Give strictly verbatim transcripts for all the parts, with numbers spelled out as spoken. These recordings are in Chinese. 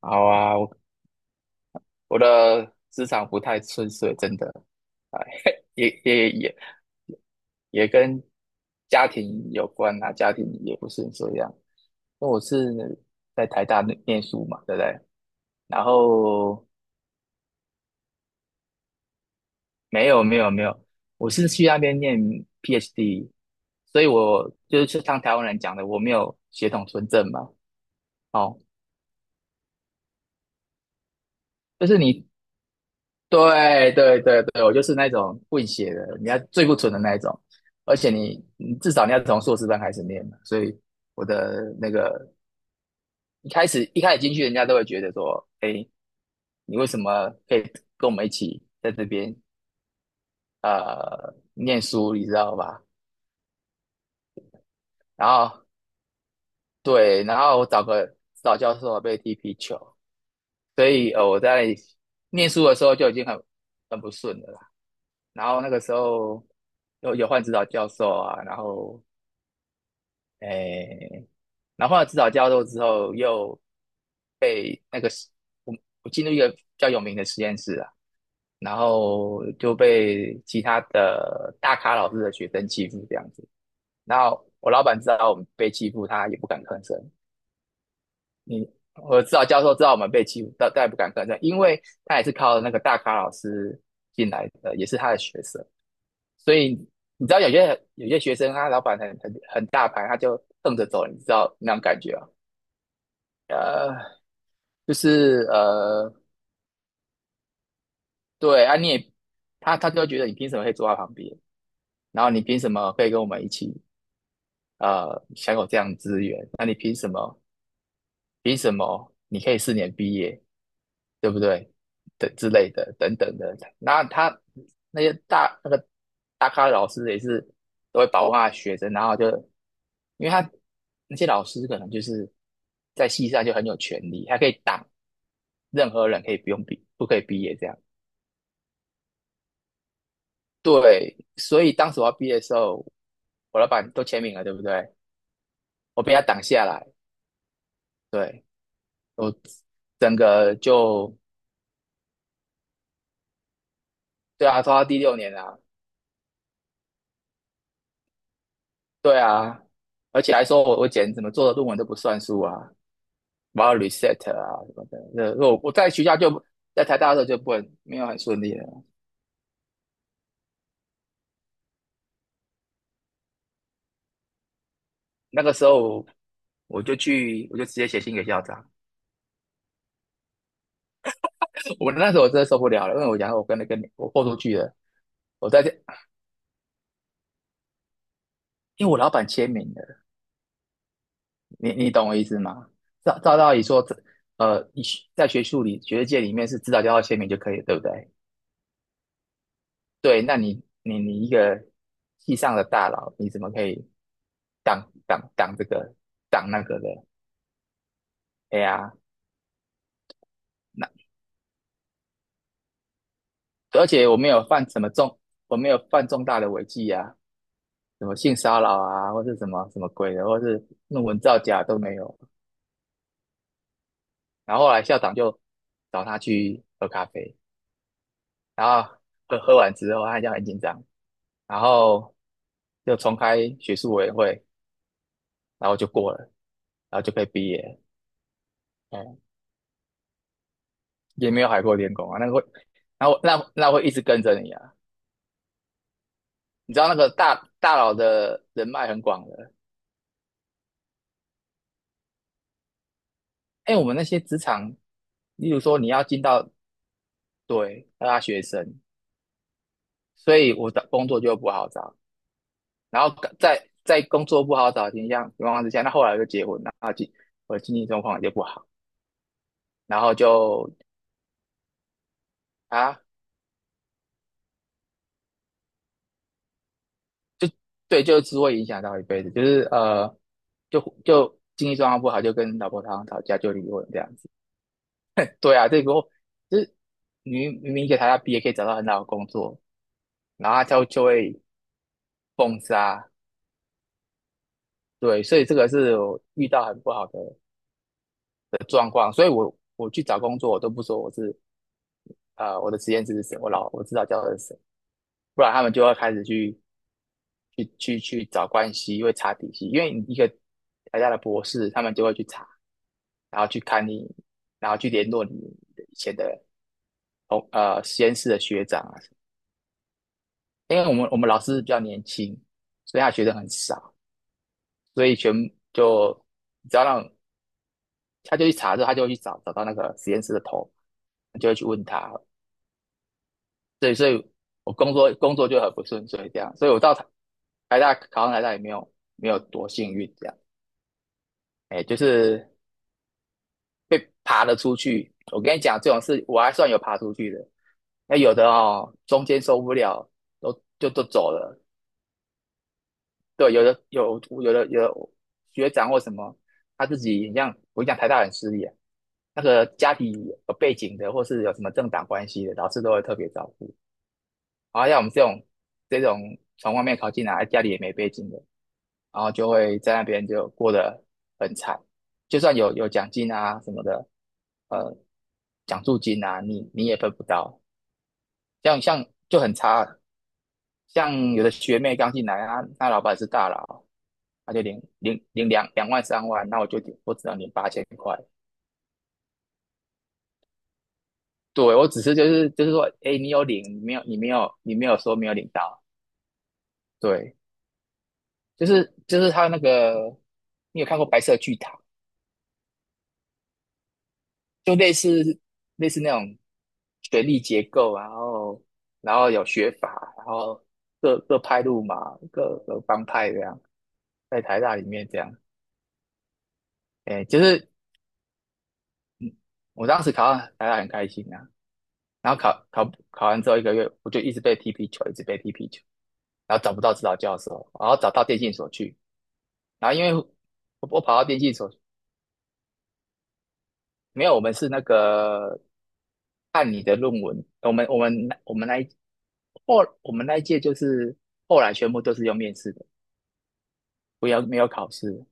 好啊，我我的职场不太顺遂，真的，哎，也也也也跟家庭有关啊，家庭也不是这样。因为我是在台大念念书嘛，对不对？然后没有没有没有，我是去那边念 PhD,所以我就是像台湾人讲的，我没有血统纯正嘛。哦，就是你对对对对，我就是那种混血的，你要最不纯的那一种，而且你你至少你要从硕士班开始念嘛，所以我的那个一开始一开始进去，人家都会觉得说，哎，你为什么可以跟我们一起在这边呃念书，你知道吧？然后对，然后我找个指导教授被踢皮球，所以呃我在念书的时候就已经很很不顺了啦，然后那个时候有有换指导教授啊，然后。诶，然后后来指导教授之后，又被那个实我我进入一个比较有名的实验室啊，然后就被其他的大咖老师的学生欺负这样子。然后我老板知道我们被欺负，他也不敢吭声。你我指导教授知道我们被欺负，但但也不敢吭声，因为他也是靠那个大咖老师进来的，也是他的学生，所以你知道有些有些学生他老板很很很大牌，他就瞪着走，你知道那种感觉啊？呃，就是呃，对啊，你也他他就会觉得你凭什么可以坐在旁边，然后你凭什么可以跟我们一起呃享有这样的资源？那你凭什么？凭什么你可以四年毕业，对不对？等之类的等等的，那他那些大那个大咖的老师也是都会保护他的学生，然后就因为他那些老师可能就是在系上就很有权利，他可以挡任何人可以不用毕不可以毕业这样。对，所以当时我要毕业的时候，我老板都签名了，对不对？我被他挡下来，对，我整个就，对啊，拖到第六年啊，对啊，而且还说我我简直怎么做的论文都不算数啊，我要 reset 啊什么的。那那我我在学校就在台大的时候就不很没有很顺利了，那个时候我就去我就直接写信给校长，我那时候我真的受不了了，因为我讲我跟那个我豁出去了，我在这，因为我老板签名了，你你懂我意思吗？照照道理说，这呃，你学在学术里、学术界里面是指导教授签名就可以了，对不对？对，那你你你一个系上的大佬，你怎么可以挡挡挡这个挡那个的？哎呀，那而且我没有犯什么重，我没有犯重大的违纪啊，什么性骚扰啊，或是什么什么鬼的，或是论文造假都没有。然后后来校长就找他去喝咖啡，然后喝喝完之后，他就很紧张，然后就重开学术委员会，然后就过了，然后就可以毕业了。嗯，也没有海阔天空啊，那个会，然后那那会一直跟着你啊。你知道那个大大佬的人脉很广的，哎，我们那些职场，例如说你要进到对大学生，所以我的工作就不好找，然后在在工作不好找的情况情况之下，那后来就结婚了，然后经我的经济状况也就不好，然后就啊就对，就是会影响到一辈子，就是呃，就就经济状况不好，就跟老婆常常吵架，就离婚这样子。对啊，这个就是明明明给她要毕业可以找到很好的工作，然后他就就会封杀，对，所以这个是我遇到很不好的的状况，所以我我去找工作，我都不说我是呃我的实验室是谁，我老我知道教授是谁，不然他们就会开始去去去去找关系，会查底细，因为你一个台大的博士，他们就会去查，然后去看你，然后去联络你的以前的同呃实验室的学长啊什么因为我们我们老师比较年轻，所以他学生很少，所以全就只要让他就去查之后，他就会去找找到那个实验室的头，就会去问他，对，所以我工作工作就很不顺遂这样，所以我到台台大考上台大也没有没有多幸运这样，哎，就是。爬了出去。我跟你讲，这种事我还算有爬出去的。那有的哦，中间受不了，都就都走了。对，有的有有的有的学长或什么，他自己很像我跟你讲台大很势利啊那个家庭有背景的，或是有什么政党关系的，老师都会特别照顾。然后像我们这种这种从外面考进来，家里也没背景的，然后就会在那边就过得很惨。就算有有奖金啊什么的，呃，奖助金啊，你你也分不到，像像就很差，像有的学妹刚进来啊，那老板是大佬，他就领领领两两万三万，那我就我只能领八千块。对，我只是就是就是说，哎，你有领，你没有，你没有，你没有说没有领到。对，就是就是他那个，你有看过《白色巨塔》就类似类似那种学历结构啊然后然后有学法，然后各各派路嘛，各各帮派这样，在台大里面这样，哎，就是我当时考上台大很开心啊，然后考考考完之后一个月，我就一直被踢皮球，一直被踢皮球，然后找不到指导教授，然后找到电信所去，然后因为我我跑到电信所。没有，我们是那个按你的论文，我们我们那我们那一后我们那一届就是后来全部都是用面试的，不要没有考试，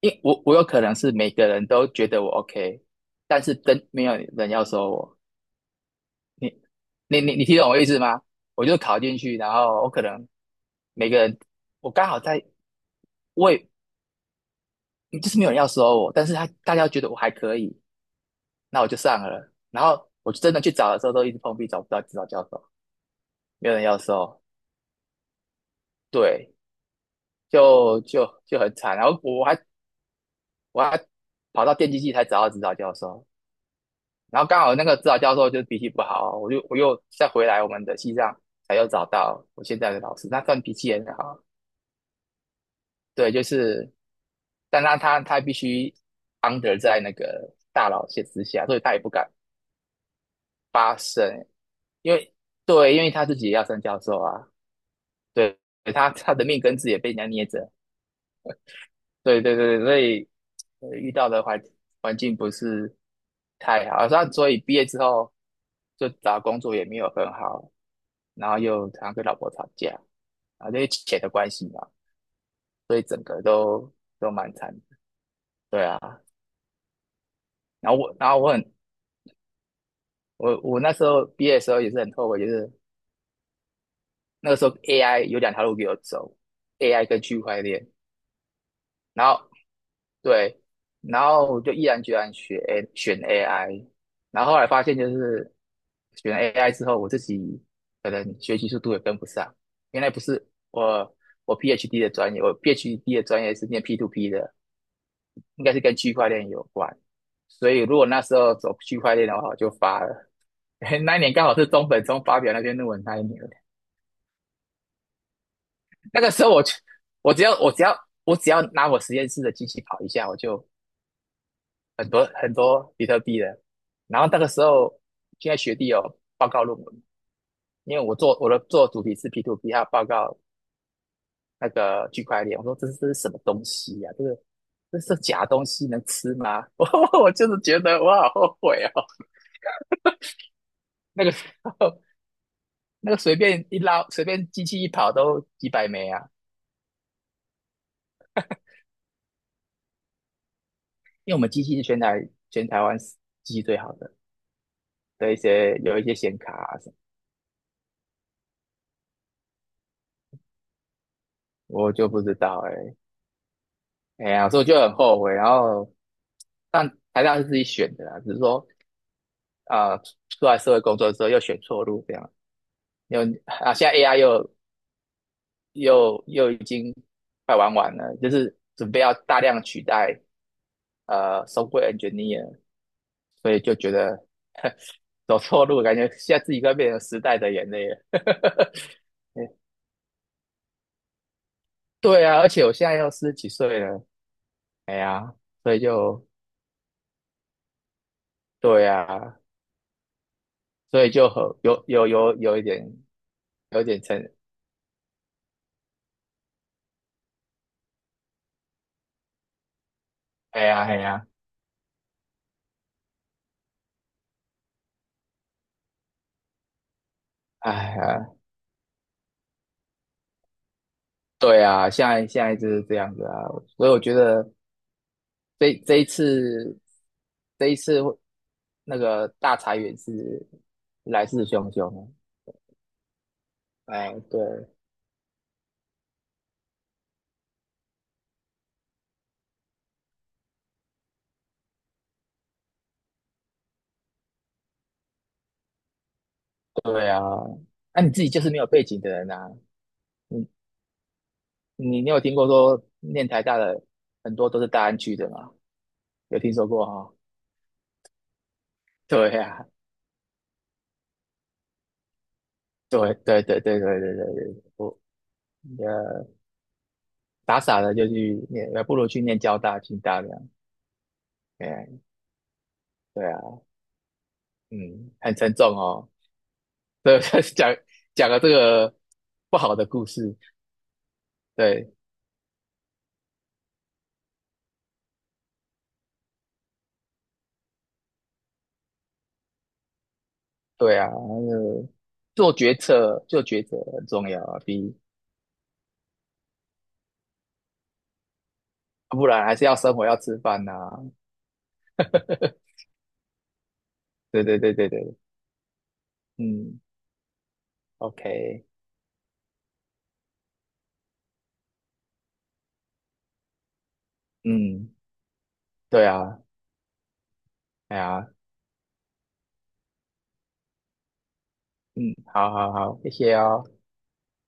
因为我我有可能是每个人都觉得我 OK,但是真没有人要收我，你你你你听懂我意思吗？我就考进去，然后我可能每个人我刚好在我也就是没有人要收我，但是他大家觉得我还可以，那我就上了，然后我真的去找的时候都一直碰壁，找不到指导教授，没有人要收。对，就就就很惨。然后我还我还跑到电机系才找到指导教授，然后刚好那个指导教授就是脾气不好，我就我又再回来我们的西藏才又找到我现在的老师，他算脾气很好。对，就是，但他他他必须 under 在那个大佬线之下，所以他也不敢发声，因为对，因为他自己也要升教授啊，对，他他的命根子也被人家捏着。对对对，所以呃遇到的环环境不是太好，那所以毕业之后就找工作也没有很好，然后又常常跟老婆吵架，然后因为钱的关系嘛，所以整个都都蛮惨的。对啊，然后我然后我很我我那时候毕业的时候也是很后悔，就是那个时候 A I 有两条路给我走，A I 跟区块链，然后对，然后我就毅然决然学 A 选 A I,然后后来发现就是选 A I 之后，我自己可能学习速度也跟不上。原来不是我我 PhD 的专业，我 P H D 的专业是念 p to p 的，应该是跟区块链有关。所以如果那时候走区块链的话，我就发了。那一年刚好是中本聪发表那篇论文那一年，那个时候我就我只要我只要我只要拿我实验室的机器跑一下，我就很多很多比特币的。然后那个时候，现在学弟有报告论文，因为我做我的做的主题是 P to P,他报告那个区块链，我说这是这是什么东西呀、这个这是假东西能吃吗？我我就是觉得我好后悔哦，那个时候那个随便一捞，随便机器一跑都几百枚啊，因为我们机器是全台全台湾机器最好的的一些有一些显卡啊什么，我就不知道哎、哎呀，所以我就很后悔，然后但台大是自己选的啦，只是说啊、呃出来社会工作之后又选错路这样。又啊，现在 A I 又又又已经快玩完了，就是准备要大量取代呃 software engineer,所以就觉得呵走错路，感觉现在自己快变成时代的眼泪了。对啊，而且我现在要四十几岁了，哎呀，所以就对啊，所以就很有有有有一点有一点成，哎呀哎呀，哎呀，对啊，现在现在就是这样子啊，所以我觉得这这一次这一次会那个大裁员是来势汹汹啊。哎，对对啊，那、你自己就是没有背景的人啊，你你你有听过说念台大的很多都是大安区的吗？有听说过哈、对啊，对对对对对对对对，我呃傻傻的就去念，呃不如去念交大、清大这样。哎，对啊，嗯，很沉重哦。对，讲讲了这个不好的故事，对对啊，那个做决策做抉策很重要啊，比不然还是要生活要吃饭呐、对对对对对，嗯，OK,嗯，对啊，哎呀，嗯，好好好，谢谢哦。